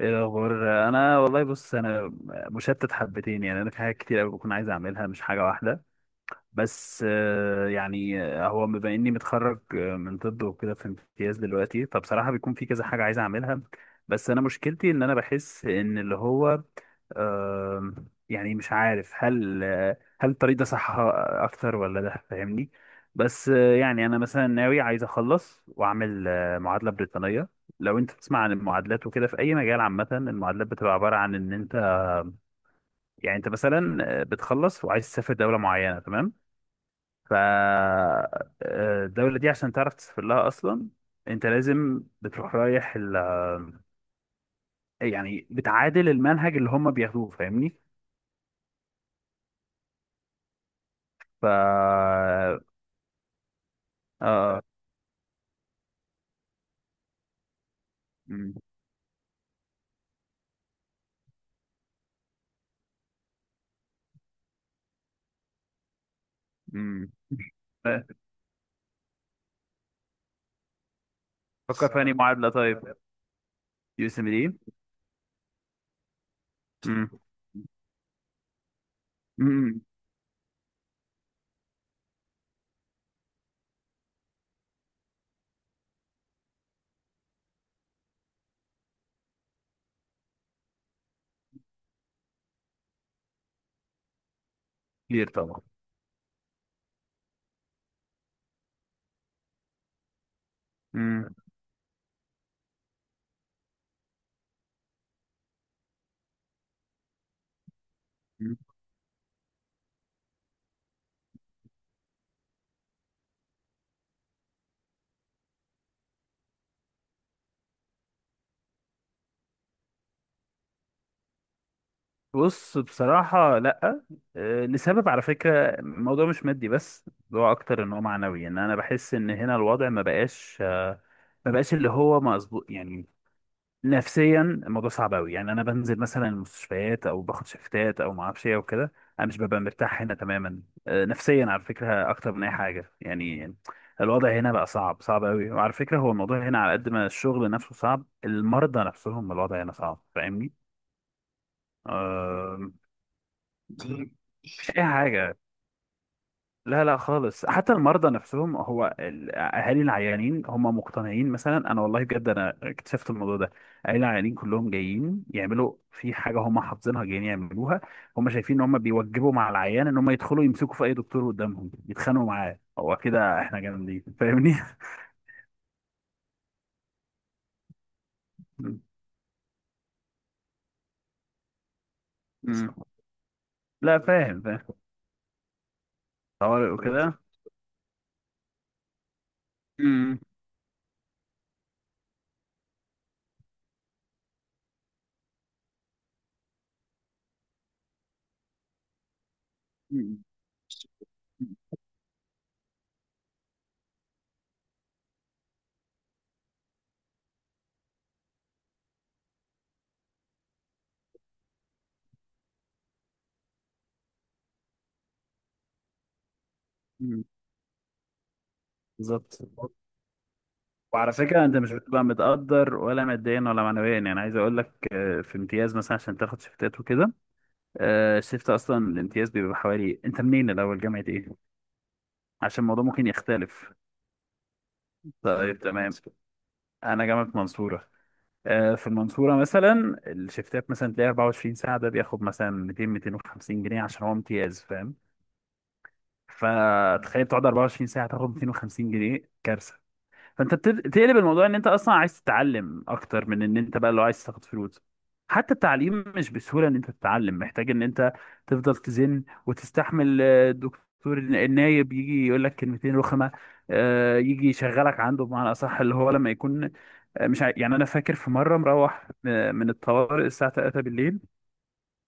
ايه الاخبار؟ انا والله، بص، انا مشتت حبتين. يعني انا في حاجات كتير قوي بكون عايز اعملها، مش حاجه واحده. بس يعني هو بما اني متخرج من طب وكده، في امتياز دلوقتي. فبصراحه بيكون في كذا حاجه عايز اعملها. بس انا مشكلتي ان انا بحس ان اللي هو آم، يعني مش عارف. هل الطريق ده صح اكتر ولا ده؟ فاهمني؟ بس يعني انا مثلا ناوي عايز اخلص واعمل معادله بريطانيه. لو انت تسمع عن المعادلات وكده في اي مجال عامه، المعادلات بتبقى عباره عن ان انت، يعني انت مثلا بتخلص وعايز تسافر دوله معينه، تمام؟ ف آه، الدوله دي عشان تعرف تسافر لها اصلا انت لازم بتروح رايح يعني بتعادل المنهج اللي هم بياخدوه، فاهمني؟ ف اه آه. امم. فكر في أنهي معادلة طيب. يو اس ام دي. امم. امم. كتير طبعا. امم. أمم. بص بصراحة، لأ. لسبب على فكرة، الموضوع مش مادي بس، هو أكتر إن هو معنوي. إن أنا بحس إن هنا الوضع ما بقاش اللي هو مظبوط يعني. نفسيا الموضوع صعب قوي. يعني انا بنزل مثلا المستشفيات او باخد شيفتات او ما اعرفش ايه وكده، انا مش ببقى مرتاح هنا تماما. نفسيا على فكره، اكتر من اي حاجه يعني. الوضع هنا بقى صعب، صعب قوي. وعلى فكره هو الموضوع هنا، على قد ما الشغل نفسه صعب، المرضى نفسهم الوضع هنا صعب، فاهمني؟ آه، مش اي حاجه. لا لا خالص، حتى المرضى نفسهم، هو الاهالي العيانين هم مقتنعين مثلا. انا والله بجد انا اكتشفت الموضوع ده. اهالي العيانين كلهم جايين يعملوا في حاجه هم حافظينها جايين يعملوها. هم شايفين ان هم بيوجبوا مع العيان ان هم يدخلوا يمسكوا في اي دكتور قدامهم يتخانقوا معاه، هو كده احنا جامدين، فاهمني؟ مم. لا فاهم فاهم. طوارئ وكده. مم. مم. مم. بالظبط. وعلى فكرة انت مش بتبقى متقدر ولا ماديا ولا معنويا. يعني عايز اقول لك، في امتياز مثلا عشان تاخد شيفتات وكده. الشيفت اصلا الامتياز بيبقى حوالي، انت منين الاول، جامعة ايه؟ عشان الموضوع ممكن يختلف. طيب تمام. انا جامعة منصورة. في المنصورة مثلا الشيفتات مثلا تلاقي 24 ساعة ده بياخد مثلا 200 250 جنيه عشان هو امتياز، فاهم؟ فتخيل تقعد 24 ساعة تاخد 250 جنيه، كارثة. فانت تقلب الموضوع ان انت اصلا عايز تتعلم اكتر من ان انت بقى لو عايز تاخد فلوس. حتى التعليم مش بسهوله ان انت تتعلم، محتاج ان انت تفضل تزن وتستحمل. الدكتور النايب يجي يقول لك كلمتين رخمه. يجي يشغلك عنده، بمعنى اصح اللي هو لما يكون مش عاي- يعني انا فاكر في مره مروح من الطوارئ الساعه 3 بالليل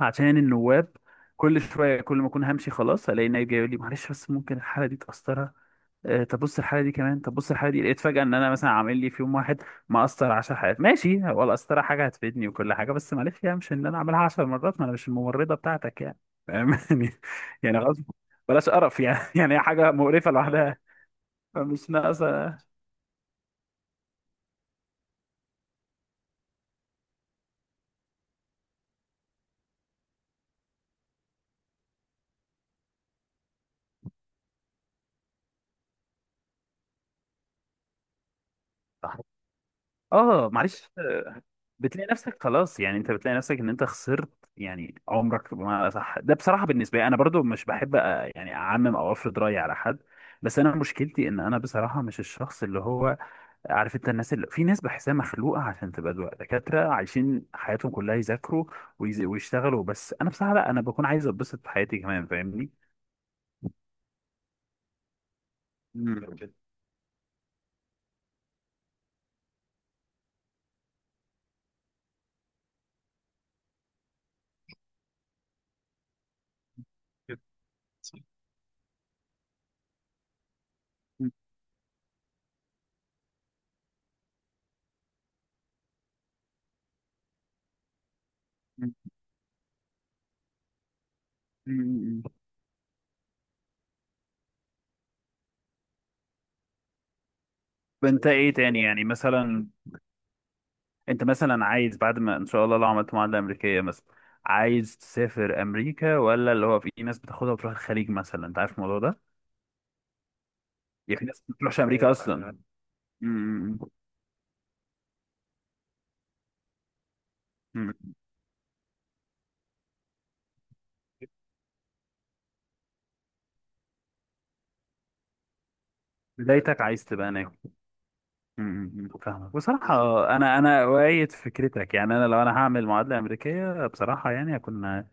عشان النواب. كل شويه، كل ما اكون همشي خلاص الاقي النايب جاي يقول لي معلش بس ممكن الحاله دي تاثرها. طب بص الحاله دي، لقيت فجاه ان انا مثلا عامل لي في يوم واحد مأثر 10 حالات. ماشي، هو القسطره حاجه هتفيدني وكل حاجه، بس معلش، يعني مش ان انا اعملها 10 مرات، ما انا مش الممرضه بتاعتك يعني. فاهم؟ يعني، يعني غصب. بلاش قرف يعني. يعني هي حاجه مقرفه لوحدها، فمش ناقصه. اه معلش. بتلاقي نفسك خلاص يعني، انت بتلاقي نفسك ان انت خسرت يعني عمرك، ما صح. ده بصراحه بالنسبه لي انا برضو مش بحب يعني اعمم او افرض رايي على حد. بس انا مشكلتي ان انا بصراحه مش الشخص اللي هو، عارف انت الناس؟ اللي في ناس بحسها مخلوقه عشان تبقى دكاتره عايشين حياتهم كلها يذاكروا ويشتغلوا، بس انا بصراحه لا، انا بكون عايز اتبسط في حياتي كمان، فاهمني؟ مم. مم. مم. مم. فانت ايه تاني يعني مثلا؟ انت مثلا عايز بعد ما ان شاء الله لو عملت معادله امريكيه مثلا، عايز تسافر امريكا، ولا اللي هو في إيه ناس بتاخدها وتروح الخليج مثلا؟ انت عارف الموضوع ده، يعني في ناس ما بتروحش امريكا، ايوه انا اصلا عارف. امم. بدايتك عايز تبقى هناك. امم. فاهمك بصراحه. انا اؤيد فكرتك. يعني انا لو انا هعمل معادله امريكيه بصراحه يعني هكون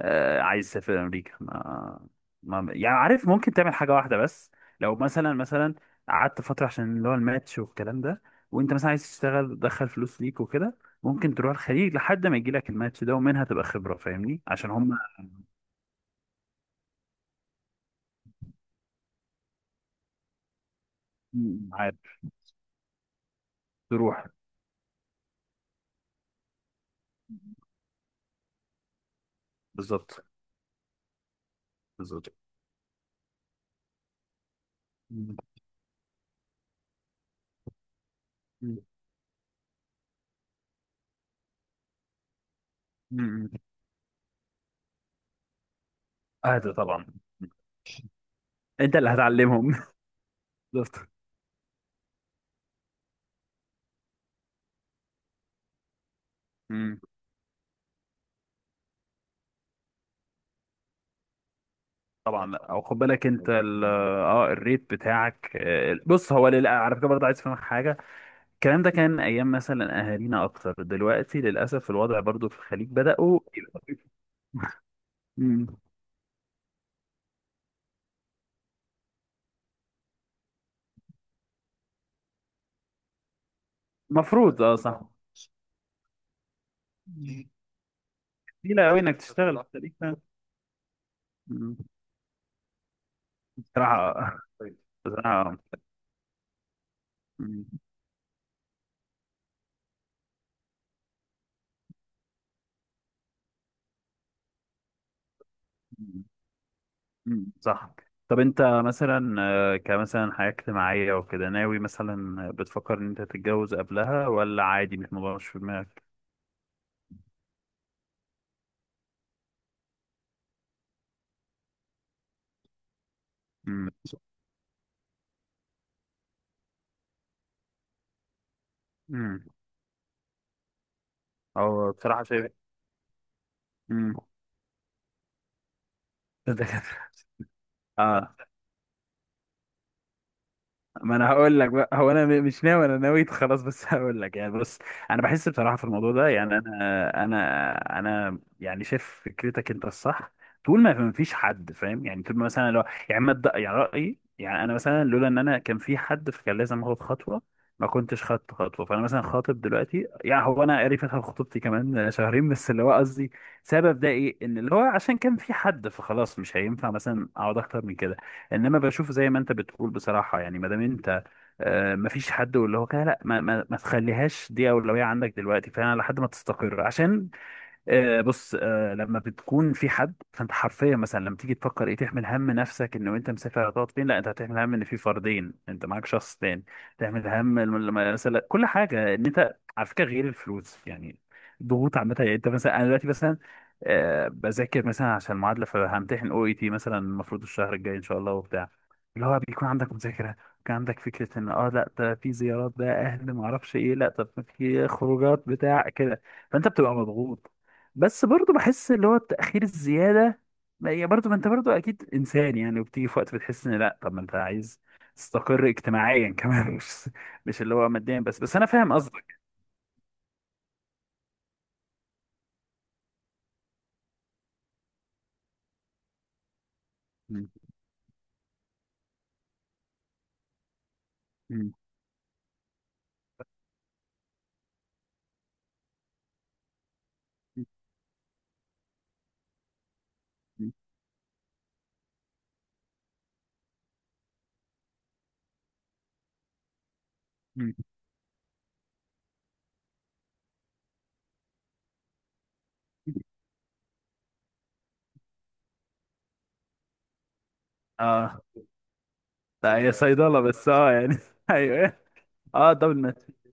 عايز اسافر امريكا. ما يعني عارف، ممكن تعمل حاجه واحده بس. لو مثلا قعدت فتره عشان اللي هو الماتش والكلام ده، وانت مثلا عايز تشتغل تدخل فلوس ليك وكده، ممكن تروح الخليج لحد ما يجي لك الماتش ده، ومنها تبقى خبره، فاهمني؟ عشان هم، مم، عارف. تروح. بالظبط. بالظبط. مم. مم. مم. اهدى طبعا. انت اللي هتعلمهم. بالظبط. مم. طبعا لا، او خد بالك انت اه الريت بتاعك. بص هو على فكره برضه عايز افهمك حاجه. الكلام ده كان ايام مثلا اهالينا اكتر، دلوقتي للاسف الوضع برضو في الخليج بداوا. مم. مفروض، اه صح. قليلة قوي انك تشتغل في الخليج فعلا. مم. بصراحة آه. بصراحة آه. مم. مم. صح. طب انت مثلا كمثلا حياة اجتماعية وكده ناوي مثلا؟ بتفكر ان انت تتجوز قبلها ولا عادي، مش موضوع مش في دماغك؟ مم. امم. اه بصراحة شايف. امم. الدكاترة. اه. ما انا هقول لك بقى، هو انا مش ناوي، انا نويت خلاص، بس هقول لك يعني. بص انا بحس بصراحه في الموضوع ده يعني، انا يعني شايف فكرتك انت الصح. طول ما ما فيش حد، فاهم يعني؟ طول ما مثلا لو يعني ما تد- يعني رايي، يعني انا مثلا لولا ان انا كان في حد فكان لازم اخد خطوه، ما كنتش خدت خطوه. فانا مثلا خاطب دلوقتي. يعني هو انا قريب فتره خطوبتي كمان شهرين بس، اللي هو قصدي سبب ده ايه؟ ان اللي هو عشان كان في حد، فخلاص مش هينفع مثلا اقعد اكتر من كده. انما بشوف زي ما انت بتقول بصراحه، يعني ما دام انت ما فيش حد واللي هو كده، لا ما تخليهاش دي اولويه عندك دلوقتي فعلا لحد ما تستقر. عشان بص، لما بتكون في حد فانت حرفيا مثلا لما تيجي تفكر ايه؟ تحمل هم نفسك انه انت مسافر هتقعد فين؟ لا، انت هتحمل هم ان في فردين، انت معاك شخص تاني. تحمل هم مثلا كل حاجه، ان انت على فكره غير الفلوس يعني، ضغوط عامه يعني. انت مثلا، انا دلوقتي مثلا بذاكر مثلا عشان المعادله فهمتحن او اي تي مثلا، المفروض الشهر الجاي ان شاء الله وبتاع، اللي هو بيكون عندك مذاكره. كان عندك فكره ان اه لا، ده في زيارات بقى اهل ما اعرفش ايه، لا طب في خروجات بتاع كده، فانت بتبقى مضغوط. بس برضو بحس اللي هو التأخير الزيادة، ما هي برضو، ما انت برضو اكيد انسان يعني، وبتيجي في وقت بتحس ان لا طب ما انت عايز تستقر اجتماعيا كمان. مش اللي هو ماديا بس، بس انا فاهم قصدك. مم. مم. مم. مم. اه لا هي صيدلة بس اه، يعني ايوه. اه ده بالنسبة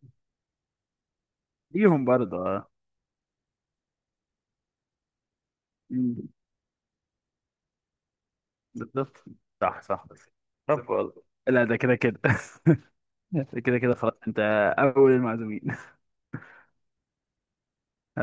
ليهم برضه اه. مم. بالظبط. صح صح. طب والله لا، ده كده كده ده كده كده خلاص، انت اول المعزومين.